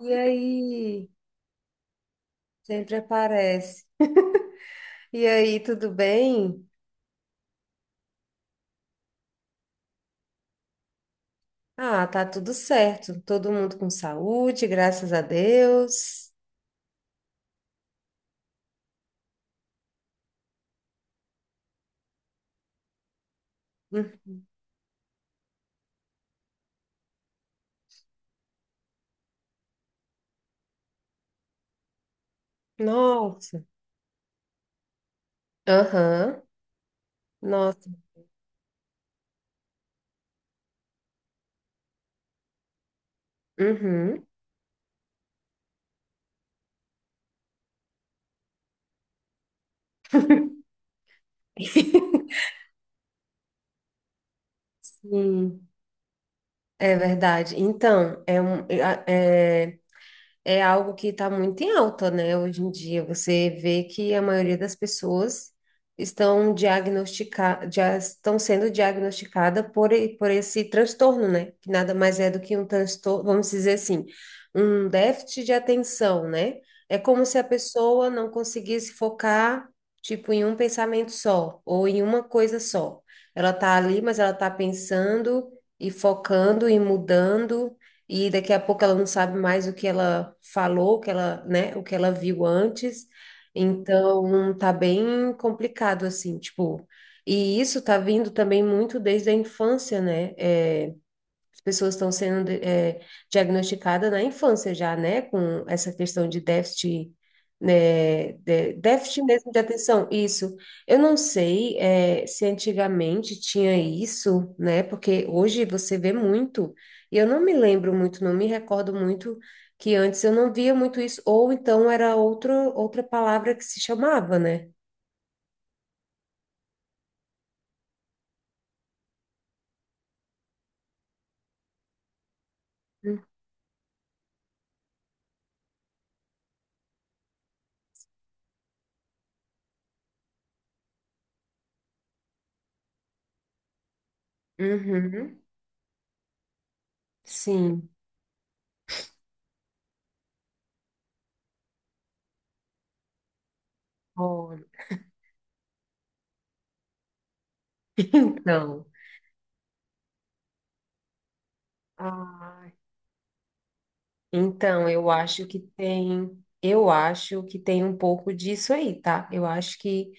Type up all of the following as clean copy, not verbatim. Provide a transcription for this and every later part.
E aí, sempre aparece. E aí, tudo bem? Ah, tá tudo certo. Todo mundo com saúde, graças a Deus. Hum. Nossa. Aham. Nossa. Uhum. Sim, é verdade. Então, é é algo que está muito em alta, né? Hoje em dia, você vê que a maioria das pessoas estão diagnosticadas, já estão sendo diagnosticada por esse transtorno, né? Que nada mais é do que um transtorno, vamos dizer assim, um déficit de atenção, né? É como se a pessoa não conseguisse focar, tipo, em um pensamento só, ou em uma coisa só. Ela tá ali, mas ela tá pensando e focando e mudando e daqui a pouco ela não sabe mais o que ela falou, o que ela, né, o que ela viu antes. Então, tá bem complicado assim, tipo, e isso tá vindo também muito desde a infância, né? As pessoas estão sendo diagnosticadas na infância já, né? Com essa questão de déficit, né? Déficit mesmo de atenção. Isso. Eu não sei, se antigamente tinha isso, né? Porque hoje você vê muito. E eu não me lembro muito, não me recordo muito que antes eu não via muito isso. Ou então era outra palavra que se chamava, né? Uhum. Sim. Olha. Então. Ah, então, eu acho que tem um pouco disso aí, tá? Eu acho que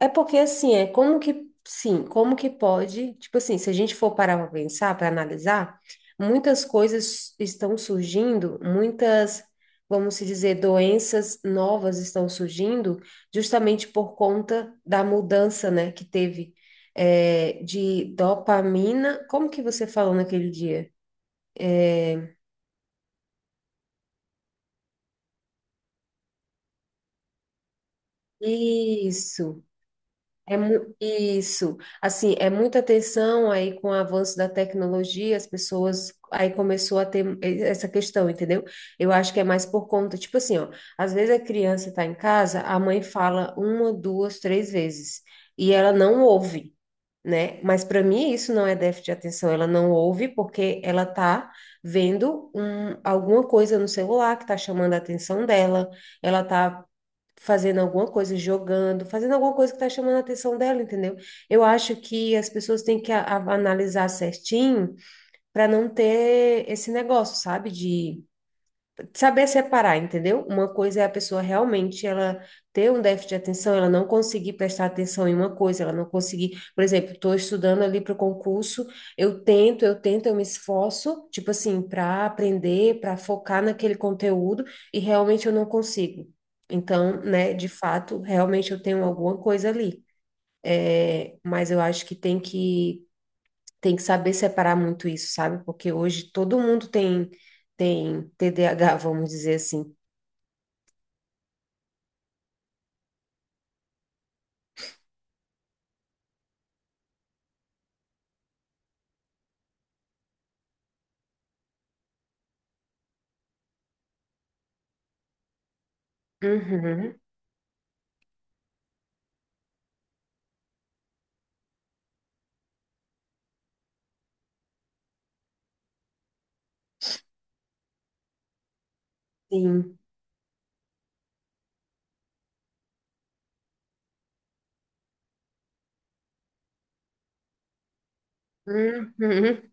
é porque assim, é como que, sim, como que pode, tipo assim, se a gente for parar para pensar, para analisar, muitas coisas estão surgindo, muitas, vamos se dizer, doenças novas estão surgindo justamente por conta da mudança, né, que teve de dopamina. Como que você falou naquele dia? Isso. É isso, assim, é muita atenção aí com o avanço da tecnologia, as pessoas aí começou a ter essa questão, entendeu? Eu acho que é mais por conta, tipo assim, ó, às vezes a criança tá em casa, a mãe fala uma, duas, três vezes e ela não ouve, né? Mas para mim isso não é déficit de atenção, ela não ouve porque ela tá vendo alguma coisa no celular que tá chamando a atenção dela, ela tá fazendo alguma coisa, jogando, fazendo alguma coisa que está chamando a atenção dela, entendeu? Eu acho que as pessoas têm que analisar certinho para não ter esse negócio, sabe? De saber separar, entendeu? Uma coisa é a pessoa realmente ela ter um déficit de atenção, ela não conseguir prestar atenção em uma coisa, ela não conseguir, por exemplo, estou estudando ali para o concurso, eu tento, eu tento, eu me esforço, tipo assim, para aprender, para focar naquele conteúdo e realmente eu não consigo. Então, né, de fato, realmente eu tenho alguma coisa ali. É, mas eu acho que tem que saber separar muito isso, sabe? Porque hoje todo mundo tem tem TDAH, vamos dizer assim. Uhum, sim. Uhum,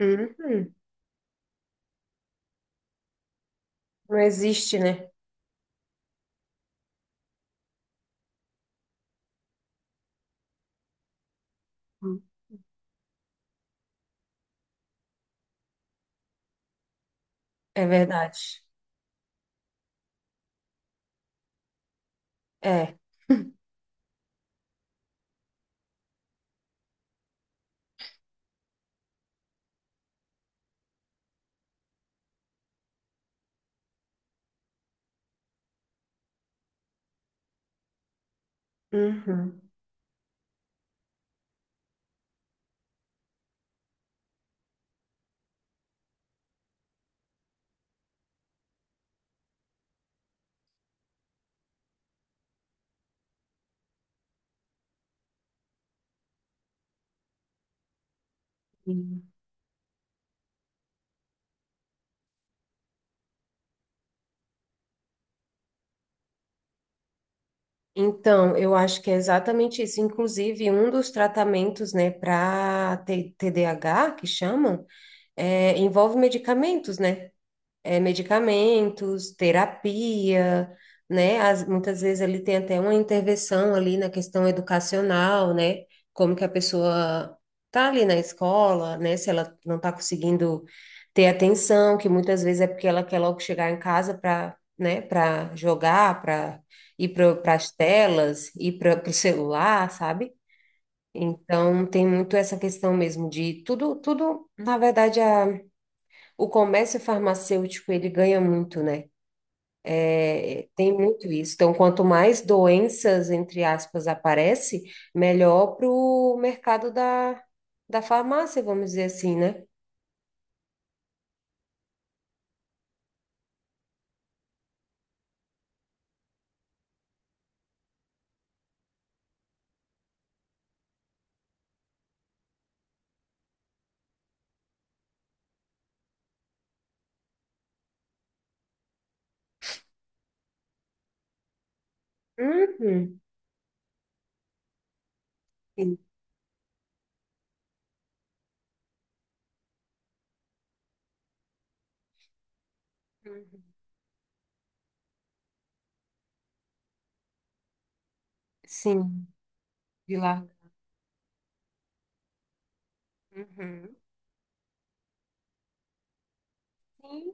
uhum. Não existe, né? É verdade. É. Uhum. Sim. Então, eu acho que é exatamente isso. Inclusive, um dos tratamentos, né, para TDAH, que chamam, envolve medicamentos, né? Medicamentos, terapia, né? Muitas vezes ali tem até uma intervenção ali na questão educacional, né? Como que a pessoa tá ali na escola, né? Se ela não está conseguindo ter atenção, que muitas vezes é porque ela quer logo chegar em casa para, né? Para jogar, para ir para as telas, ir para o celular, sabe? Então tem muito essa questão mesmo de tudo, tudo, na verdade, a o comércio farmacêutico, ele ganha muito, né? É, tem muito isso. Então, quanto mais doenças, entre aspas, aparece, melhor para o mercado da farmácia, vamos dizer assim, né? Uhum. Sim. Uhum. Sim, de lá. Uhum. Sim,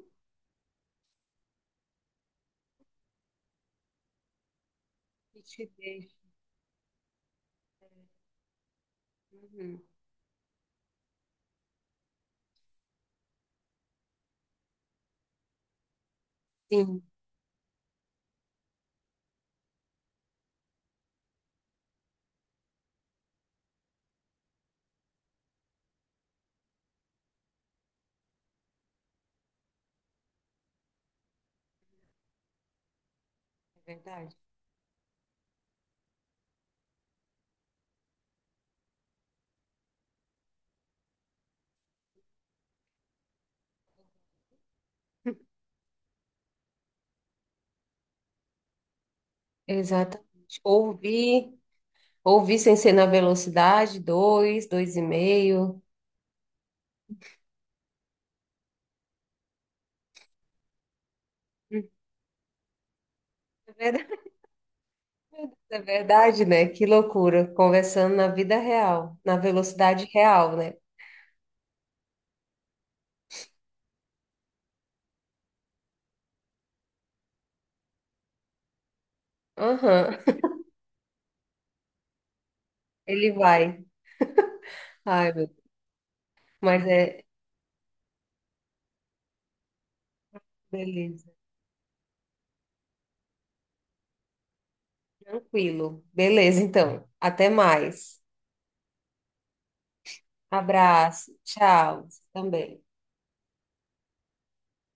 e te deixa. Uhum. Sim, é verdade. Exatamente. Ouvir, ouvir sem ser na velocidade, dois, dois e meio. Uhum. É verdade. É verdade, né? Que loucura. Conversando na vida real, na velocidade real, né? Aham, ele vai. Ai, meu Deus. Mas é, beleza. Tranquilo. Beleza, então. Até mais. Abraço. Tchau. Também.